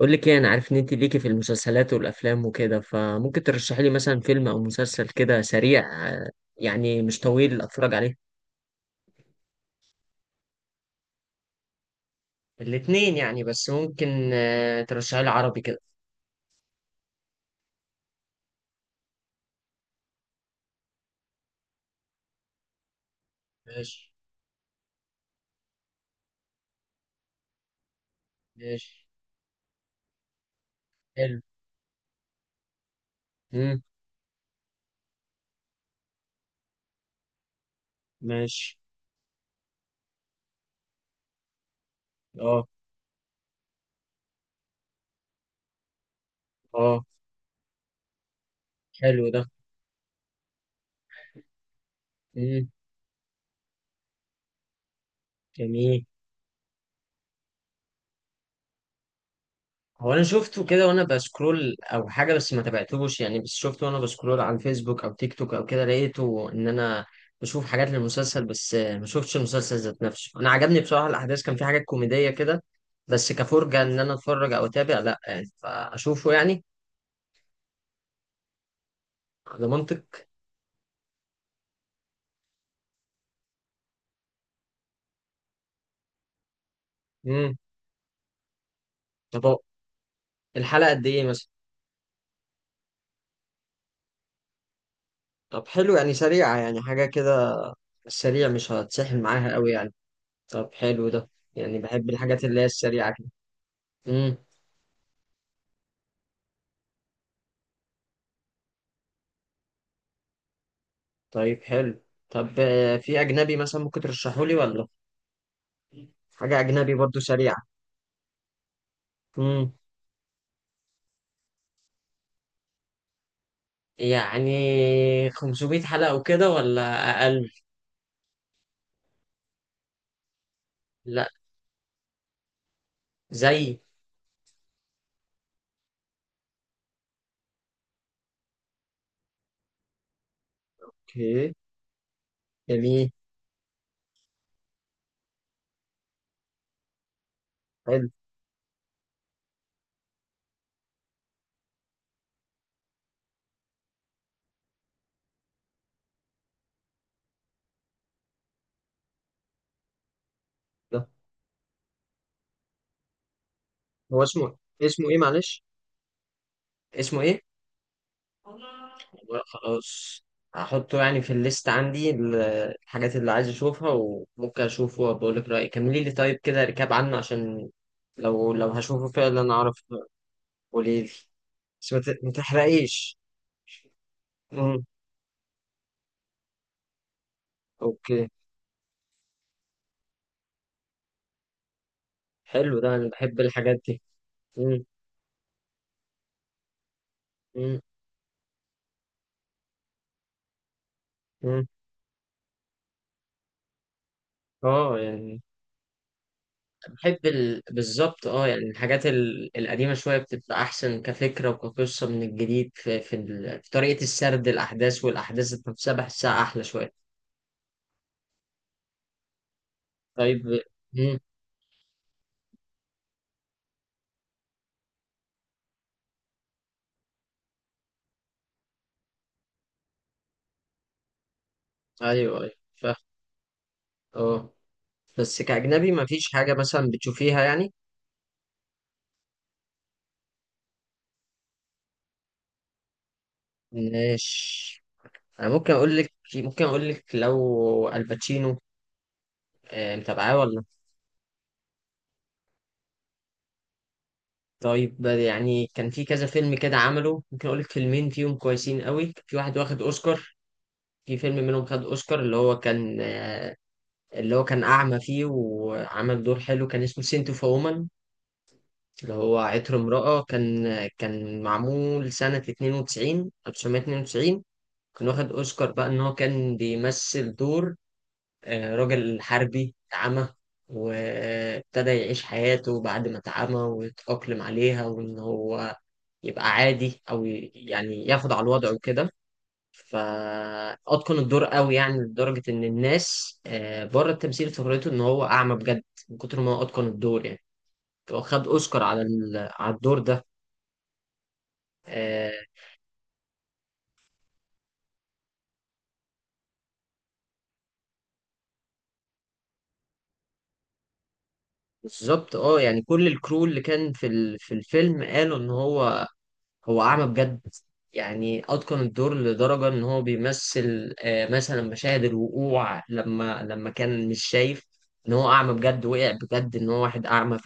قول لك ايه؟ انا عارف ان انت ليكي في المسلسلات والافلام وكده، فممكن ترشحي لي مثلا فيلم او مسلسل كده سريع. يعني مش طويل اتفرج عليه. الاتنين يعني، بس ممكن ترشحي لي عربي كده. ماشي، ماشي. حلو. امم ماشي. اه. اه، حلو ده. امم جميل. هو انا شفته كده وانا بسكرول او حاجه، بس ما تابعتهوش يعني، بس شفته وانا بسكرول على الفيسبوك او تيك توك او كده، لقيته ان انا بشوف حاجات للمسلسل، بس ما شفتش المسلسل ذات نفسه. انا عجبني بصراحه الاحداث، كان في حاجات كوميديه كده، بس كفرجه ان انا اتفرج او اتابع، لا يعني، فاشوفه يعني. ده منطق. امم طب هو الحلقه قد ايه مثلا؟ طب حلو، يعني سريعه، يعني حاجه كده سريع، مش هتسحل معاها قوي يعني. طب حلو ده. يعني بحب الحاجات اللي هي السريعه كده. مم. طيب حلو. طب في أجنبي مثلا ممكن ترشحه لي ولا؟ حاجة أجنبي برضو سريعة. مم. يعني 500 حلقة وكده، ولا أقل؟ لا، زي. اوكي. جميل. حلو ده. هو اسمه، اسمه ايه؟ معلش، اسمه ايه؟ لا، خلاص، هحطه يعني في الليست عندي الحاجات اللي عايز اشوفها، وممكن اشوفه وبقول لك رأيي. كملي لي طيب كده ركاب عنه، عشان لو هشوفه فعلا اعرف. قولي لي. بس ما تحرقيش. مم. اوكي. حلو ده، انا بحب الحاجات دي. مم. مم. مم. اه يعني. بحب ال... بالظبط، اه يعني الحاجات ال... القديمه شويه بتبقى احسن كفكره وكقصه من الجديد، ال... في طريقه السرد الاحداث، والاحداث ذات نفسها بحسها احلى شويه. طيب. مم. ايوه ايوه، فاهم. اه. بس كاجنبي ما فيش حاجه مثلا بتشوفيها يعني؟ ماشي. انا ممكن اقول لك، ممكن اقول لك، لو الباتشينو متابعاه ولا؟ طيب يعني كان في كذا فيلم كده عمله، ممكن اقول لك فيلمين فيهم كويسين قوي، في واحد واخد اوسكار. في فيلم منهم خد اوسكار، اللي هو كان اللي هو كان اعمى فيه وعمل دور حلو، كان اسمه سنت اوف وومن، اللي هو عطر امرأة. كان كان معمول سنة 92 1992. كان واخد اوسكار بقى ان هو كان بيمثل دور راجل حربي اعمى، وابتدى يعيش حياته بعد ما اتعمى، ويتأقلم عليها، وان هو يبقى عادي، او يعني ياخد على الوضع وكده. فاتقن الدور قوي يعني، لدرجه ان الناس بره التمثيل افتكرته ان هو اعمى بجد، من كتر ما هو اتقن الدور يعني. هو خد اوسكار على على الدور ده. آه، بالظبط، اه يعني كل الكرو اللي كان في في الفيلم قالوا ان هو هو اعمى بجد. يعني اتقن الدور لدرجه ان هو بيمثل مثلا مشاهد الوقوع، لما كان مش شايف، ان هو اعمى بجد وقع بجد ان هو واحد اعمى.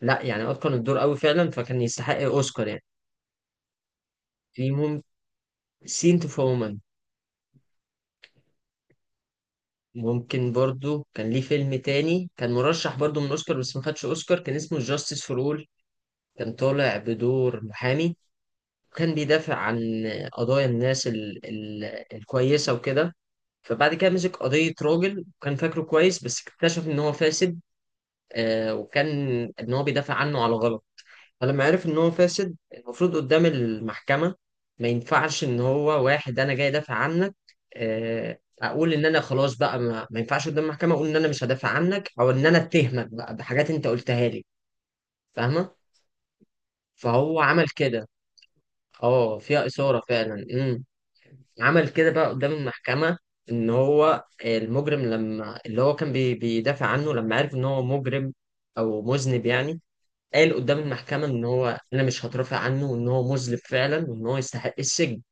لا يعني اتقن الدور قوي فعلا، فكان يستحق اوسكار يعني. في سين تو وومن. ممكن برضو، كان ليه فيلم تاني كان مرشح برضو من اوسكار بس ما خدش اوسكار، كان اسمه جاستس فور اول. كان طالع بدور محامي، وكان بيدافع عن قضايا الناس ال... ال... الكويسة وكده. فبعد كده مسك قضية راجل وكان فاكره كويس، بس اكتشف ان هو فاسد. آه، وكان ان هو بيدافع عنه على غلط. فلما عرف ان هو فاسد المفروض قدام المحكمة، ما ينفعش ان هو واحد انا جاي ادافع عنك. اقول ان انا خلاص بقى، ما ينفعش قدام المحكمة اقول ان انا مش هدافع عنك، او ان انا اتهمك بقى بحاجات انت قلتها لي. فاهمة. فهو عمل كده. اه فيها إثارة فعلا. امم. عمل كده بقى قدام المحكمة، ان هو المجرم، لما اللي هو كان بيدافع عنه، لما عرف ان هو مجرم او مذنب يعني، قال قدام المحكمة إن هو أنا مش هترافع عنه، وإن هو مذنب فعلا، وإن هو يستحق السجن.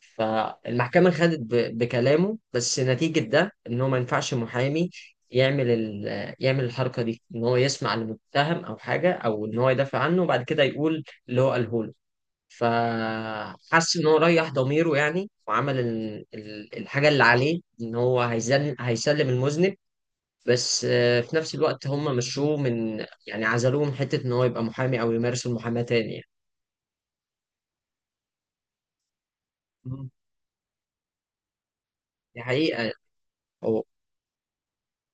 فالمحكمة خدت بكلامه، بس نتيجة ده إن هو ما ينفعش محامي يعمل يعمل الحركة دي، إن هو يسمع لمتهم أو حاجة، أو إن هو يدافع عنه وبعد كده يقول اللي هو قاله له. فحس إن هو ريح ضميره يعني، وعمل الحاجة اللي عليه، إن هو هيسلم المذنب. بس في نفس الوقت هم مشوه من، يعني عزلوه من حتة إن هو يبقى محامي أو يمارس المحاماة تاني يعني. مم. دي حقيقة. هو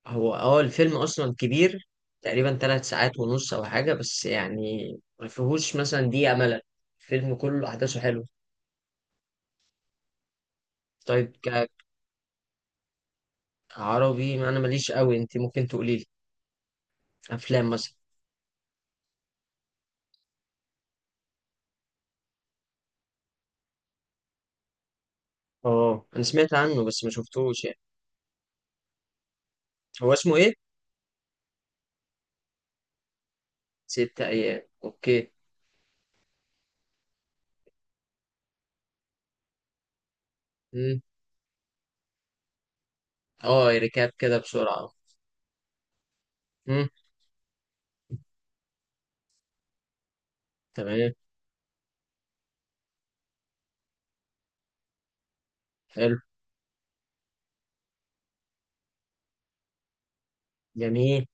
هو اه الفيلم أصلا كبير، تقريبا 3 ساعات ونص أو حاجة، بس يعني ما فيهوش مثلا دقيقة ملل، الفيلم كله أحداثه حلوة. طيب. كعربي ما أنا ماليش قوي، أنت ممكن تقولي لي أفلام مثلا. اه أنا سمعت عنه بس ما شفتوش يعني. هو اسمه إيه؟ ست أيام، أوكي. مم. اه، ركاب كده بسرعة. مم. تمام. حلو. جميل.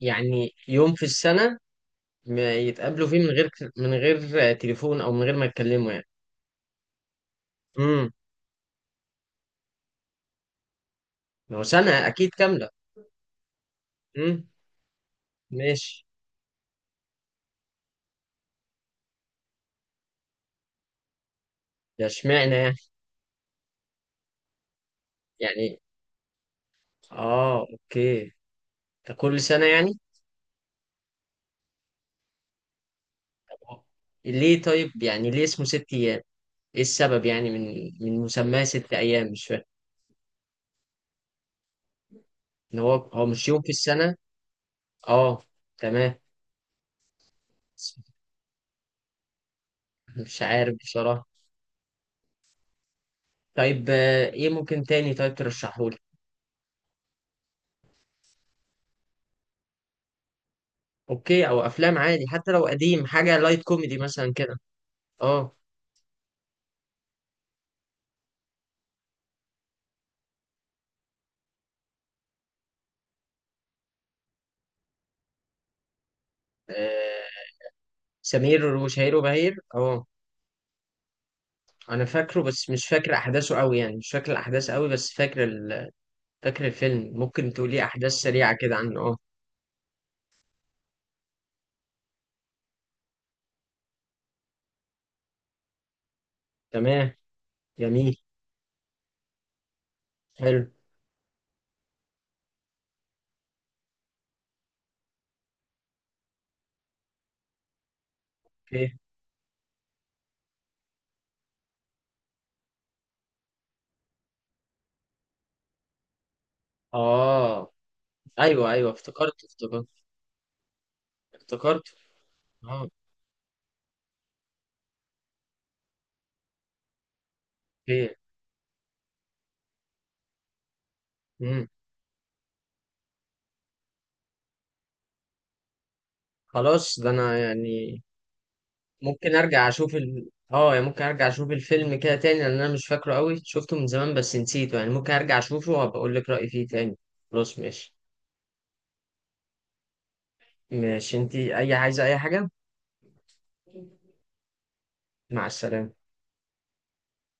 يعني يوم في السنة ما يتقابلوا فيه، من غير، من غير تليفون، أو من غير ما يتكلموا يعني. امم. هو سنة أكيد كاملة. امم. ماشي. ده اشمعنى يعني؟ يعني، آه أوكي، ده كل سنة يعني. طب ليه طيب، يعني ليه اسمه ست أيام؟ إيه السبب؟ يعني من مسماه ست أيام مش فاهم. إن هو، هو مش يوم في السنة؟ آه، تمام. مش عارف بصراحة. طيب إيه ممكن تاني طيب ترشحهولي؟ اوكي، او افلام عادي، حتى لو قديم، حاجه لايت كوميدي مثلا كده. اه. آه، سمير وشهير وبهير، اه. انا فاكره بس مش فاكر احداثه قوي يعني، مش فاكر الاحداث قوي، بس فاكر ال... فاكر الفيلم. ممكن تقولي احداث سريعه كده عنه. اه. تمام. جميل. حلو. اوكي. اه. ايوه ايوه، افتكرت، افتكرت، افتكرت. اه. اوكي. امم خلاص ده انا يعني ممكن ارجع اشوف ال... اه يعني ممكن ارجع اشوف الفيلم كده تاني، لان انا مش فاكره قوي، شفته من زمان بس نسيته يعني، ممكن ارجع اشوفه وابقى اقول لك رايي فيه تاني. خلاص ماشي. ماشي، انتي اي عايزه اي حاجه. مع السلامه.